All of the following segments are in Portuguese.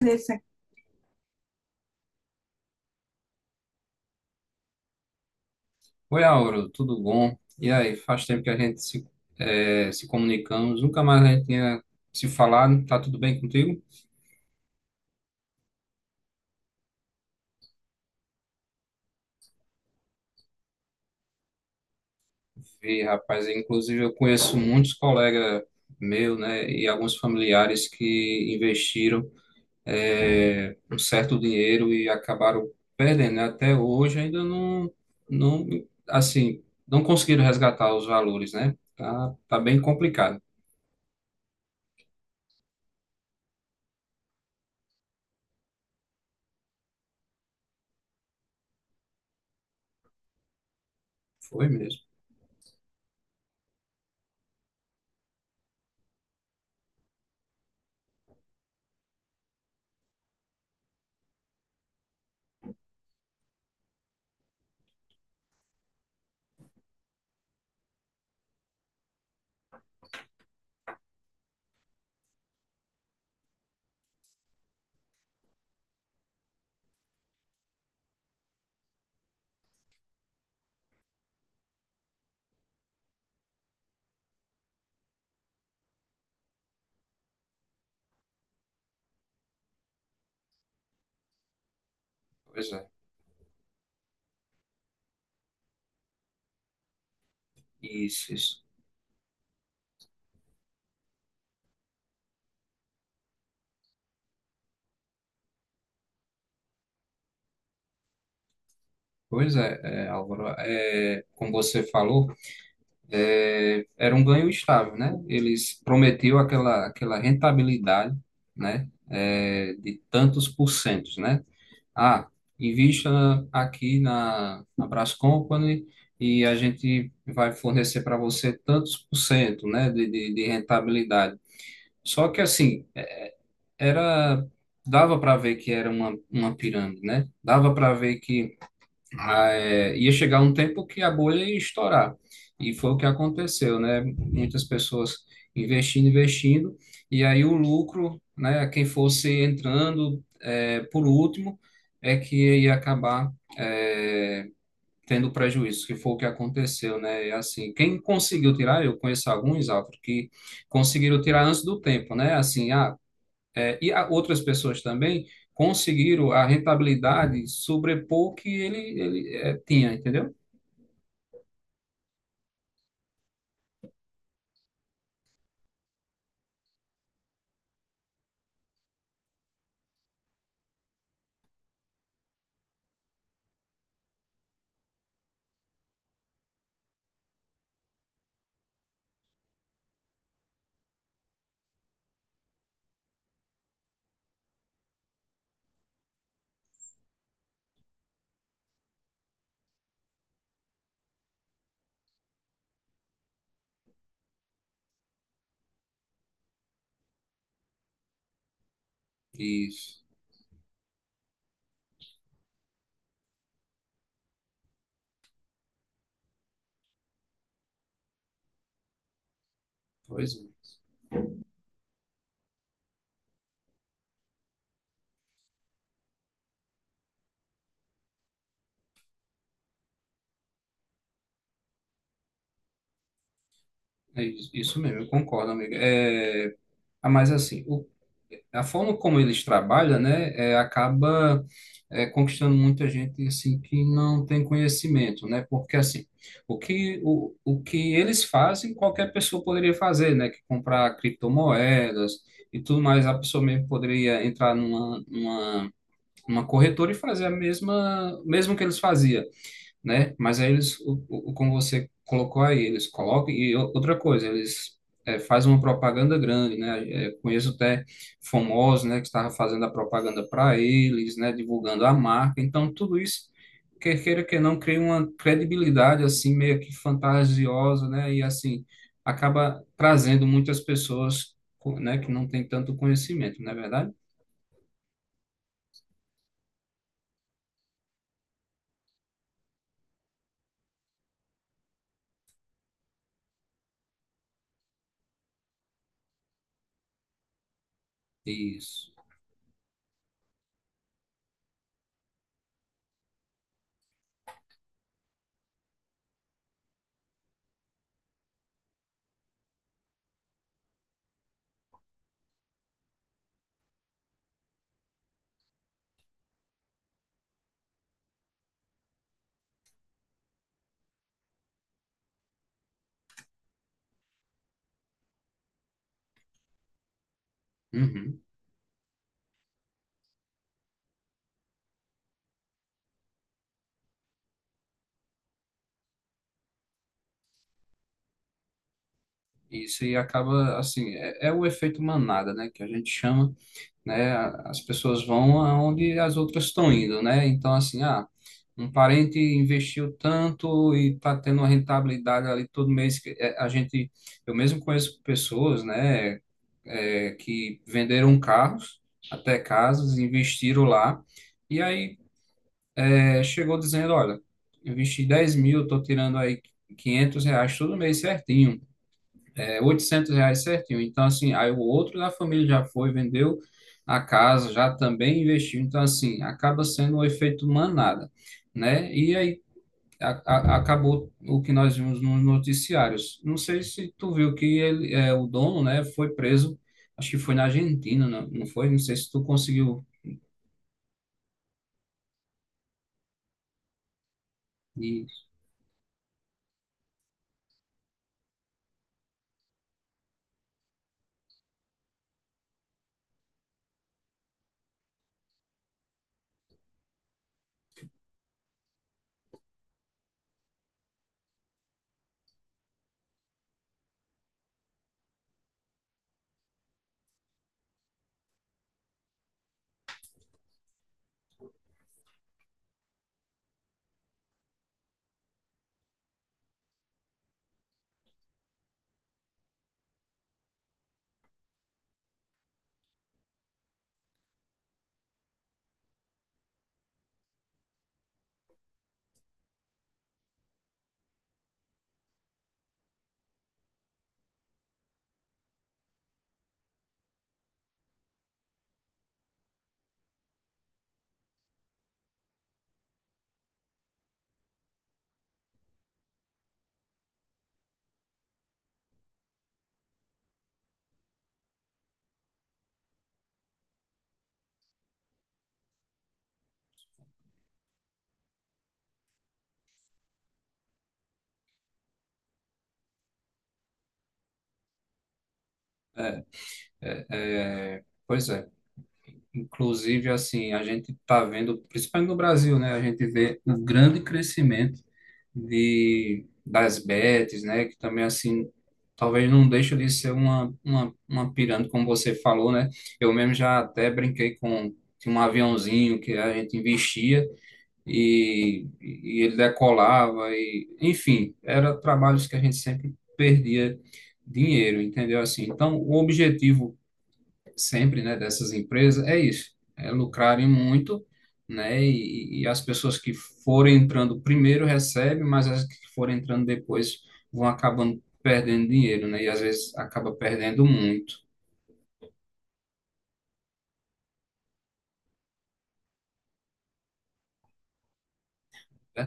Andressa. Oi, Auro, tudo bom? E aí, faz tempo que a gente se comunicamos, nunca mais a gente tinha se falado, tá tudo bem contigo? E, rapaz, inclusive eu conheço muitos colegas meus, né, e alguns familiares que investiram um certo dinheiro e acabaram perdendo, né? Até hoje ainda não, assim, não conseguiram resgatar os valores, né? Tá bem complicado. Foi mesmo, pois é, isso, isso. Pois é, Álvaro, como você falou, era um ganho estável, né? Eles prometiam aquela rentabilidade, né? De tantos porcentos, né? Ah, invista aqui na Brás Company e a gente vai fornecer para você tantos por cento, né? De rentabilidade. Só que assim, era, dava para ver que era uma pirâmide, né? Dava para ver que ia chegar um tempo que a bolha ia estourar. E foi o que aconteceu, né? Muitas pessoas investindo, investindo, e aí o lucro, né? Quem fosse entrando por último é que ia acabar é, tendo prejuízo, que foi o que aconteceu, né? E assim, quem conseguiu tirar, eu conheço alguns, Álvaro, que conseguiram tirar antes do tempo, né? Assim, outras pessoas também conseguiram a rentabilidade sobrepor que ele tinha, entendeu? Isso, pois é. É isso mesmo, eu concordo, amiga. Mas assim, a forma como eles trabalham, né, acaba conquistando muita gente assim que não tem conhecimento, né? Porque assim, o que eles fazem, qualquer pessoa poderia fazer, né? Que comprar criptomoedas e tudo mais, a pessoa mesmo poderia entrar numa, numa uma corretora e fazer o mesmo que eles faziam, né? Mas aí eles, como você colocou aí, eles colocam, e outra coisa, eles fazem uma propaganda grande, né? Conheço até famosos, né, que estava fazendo a propaganda para eles, né, divulgando a marca, então tudo isso, quer queira que não, cria uma credibilidade, assim, meio que fantasiosa, né? E assim, acaba trazendo muitas pessoas, né, que não tem tanto conhecimento, não é verdade? Isso. Uhum. Isso, e acaba assim, é o efeito manada, né, que a gente chama, né, as pessoas vão aonde as outras estão indo, né, então assim, um parente investiu tanto e tá tendo uma rentabilidade ali todo mês, que é, a gente, eu mesmo conheço pessoas, né, que venderam carros, até casas, investiram lá, e aí chegou dizendo, olha, investi 10.000, tô tirando aí 500 reais todo mês certinho, é 800 reais certinho. Então, assim, aí o outro da família já foi, vendeu a casa, já também investiu. Então, assim, acaba sendo um efeito manada, né? E aí acabou o que nós vimos nos noticiários. Não sei se tu viu que ele, o dono, né, foi preso, acho que foi na Argentina, não, não foi? Não sei se tu conseguiu. E, pois é. Inclusive, assim, a gente está vendo, principalmente no Brasil, né? A gente vê um grande crescimento das bets, né? Que também, assim, talvez não deixe de ser uma pirâmide, como você falou, né? Eu mesmo já até brinquei com tinha um aviãozinho que a gente investia e ele decolava e, enfim, era trabalhos que a gente sempre perdia dinheiro, entendeu? Assim, então, o objetivo sempre, né, dessas empresas é isso, é lucrarem muito, né, e as pessoas que forem entrando primeiro recebem, mas as que forem entrando depois vão acabando perdendo dinheiro, né, e às vezes acaba perdendo muito, né?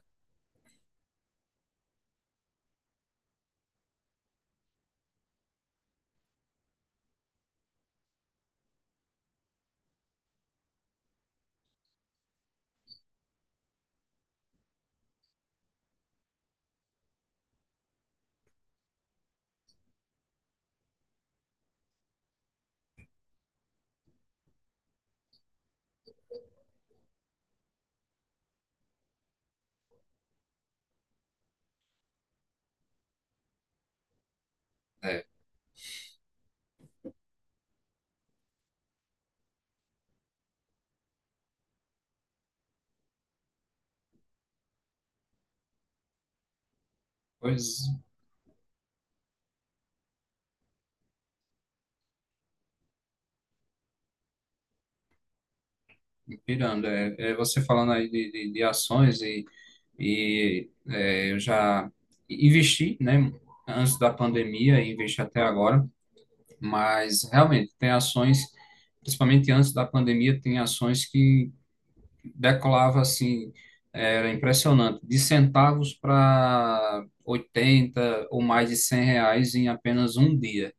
É, pois, pirando, é você falando aí de ações e eu já investi, né, antes da pandemia, e investi até agora, mas realmente tem ações principalmente antes da pandemia, tem ações que decolava assim, era impressionante, de centavos para 80 ou mais de 100 reais em apenas um dia.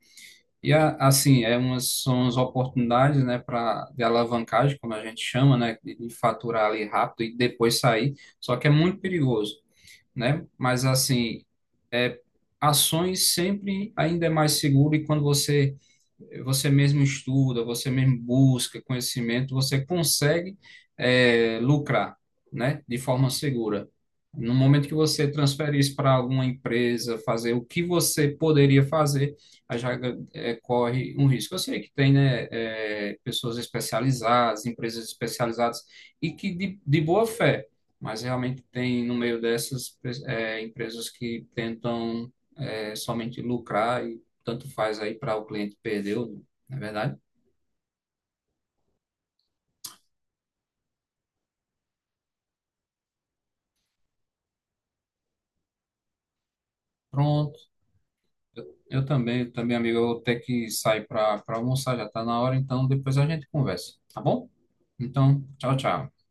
E assim, são as oportunidades, né, para de alavancagem, como a gente chama, né, de faturar ali rápido e depois sair, só que é muito perigoso né? Mas assim, é, ações sempre ainda é mais seguro e quando você mesmo estuda, você mesmo busca conhecimento, você consegue lucrar, né? De forma segura. No momento que você transfere isso para alguma empresa, fazer o que você poderia fazer, aí já corre um risco. Eu sei que tem, né, pessoas especializadas, empresas especializadas, e que de boa fé, mas realmente tem no meio dessas empresas que tentam somente lucrar e tanto faz aí para o cliente perder, ou não, não é verdade? Pronto. Eu, eu também, também, amigo, eu vou ter que sair para almoçar, já está na hora, então depois a gente conversa, tá bom? Então, tchau, tchau.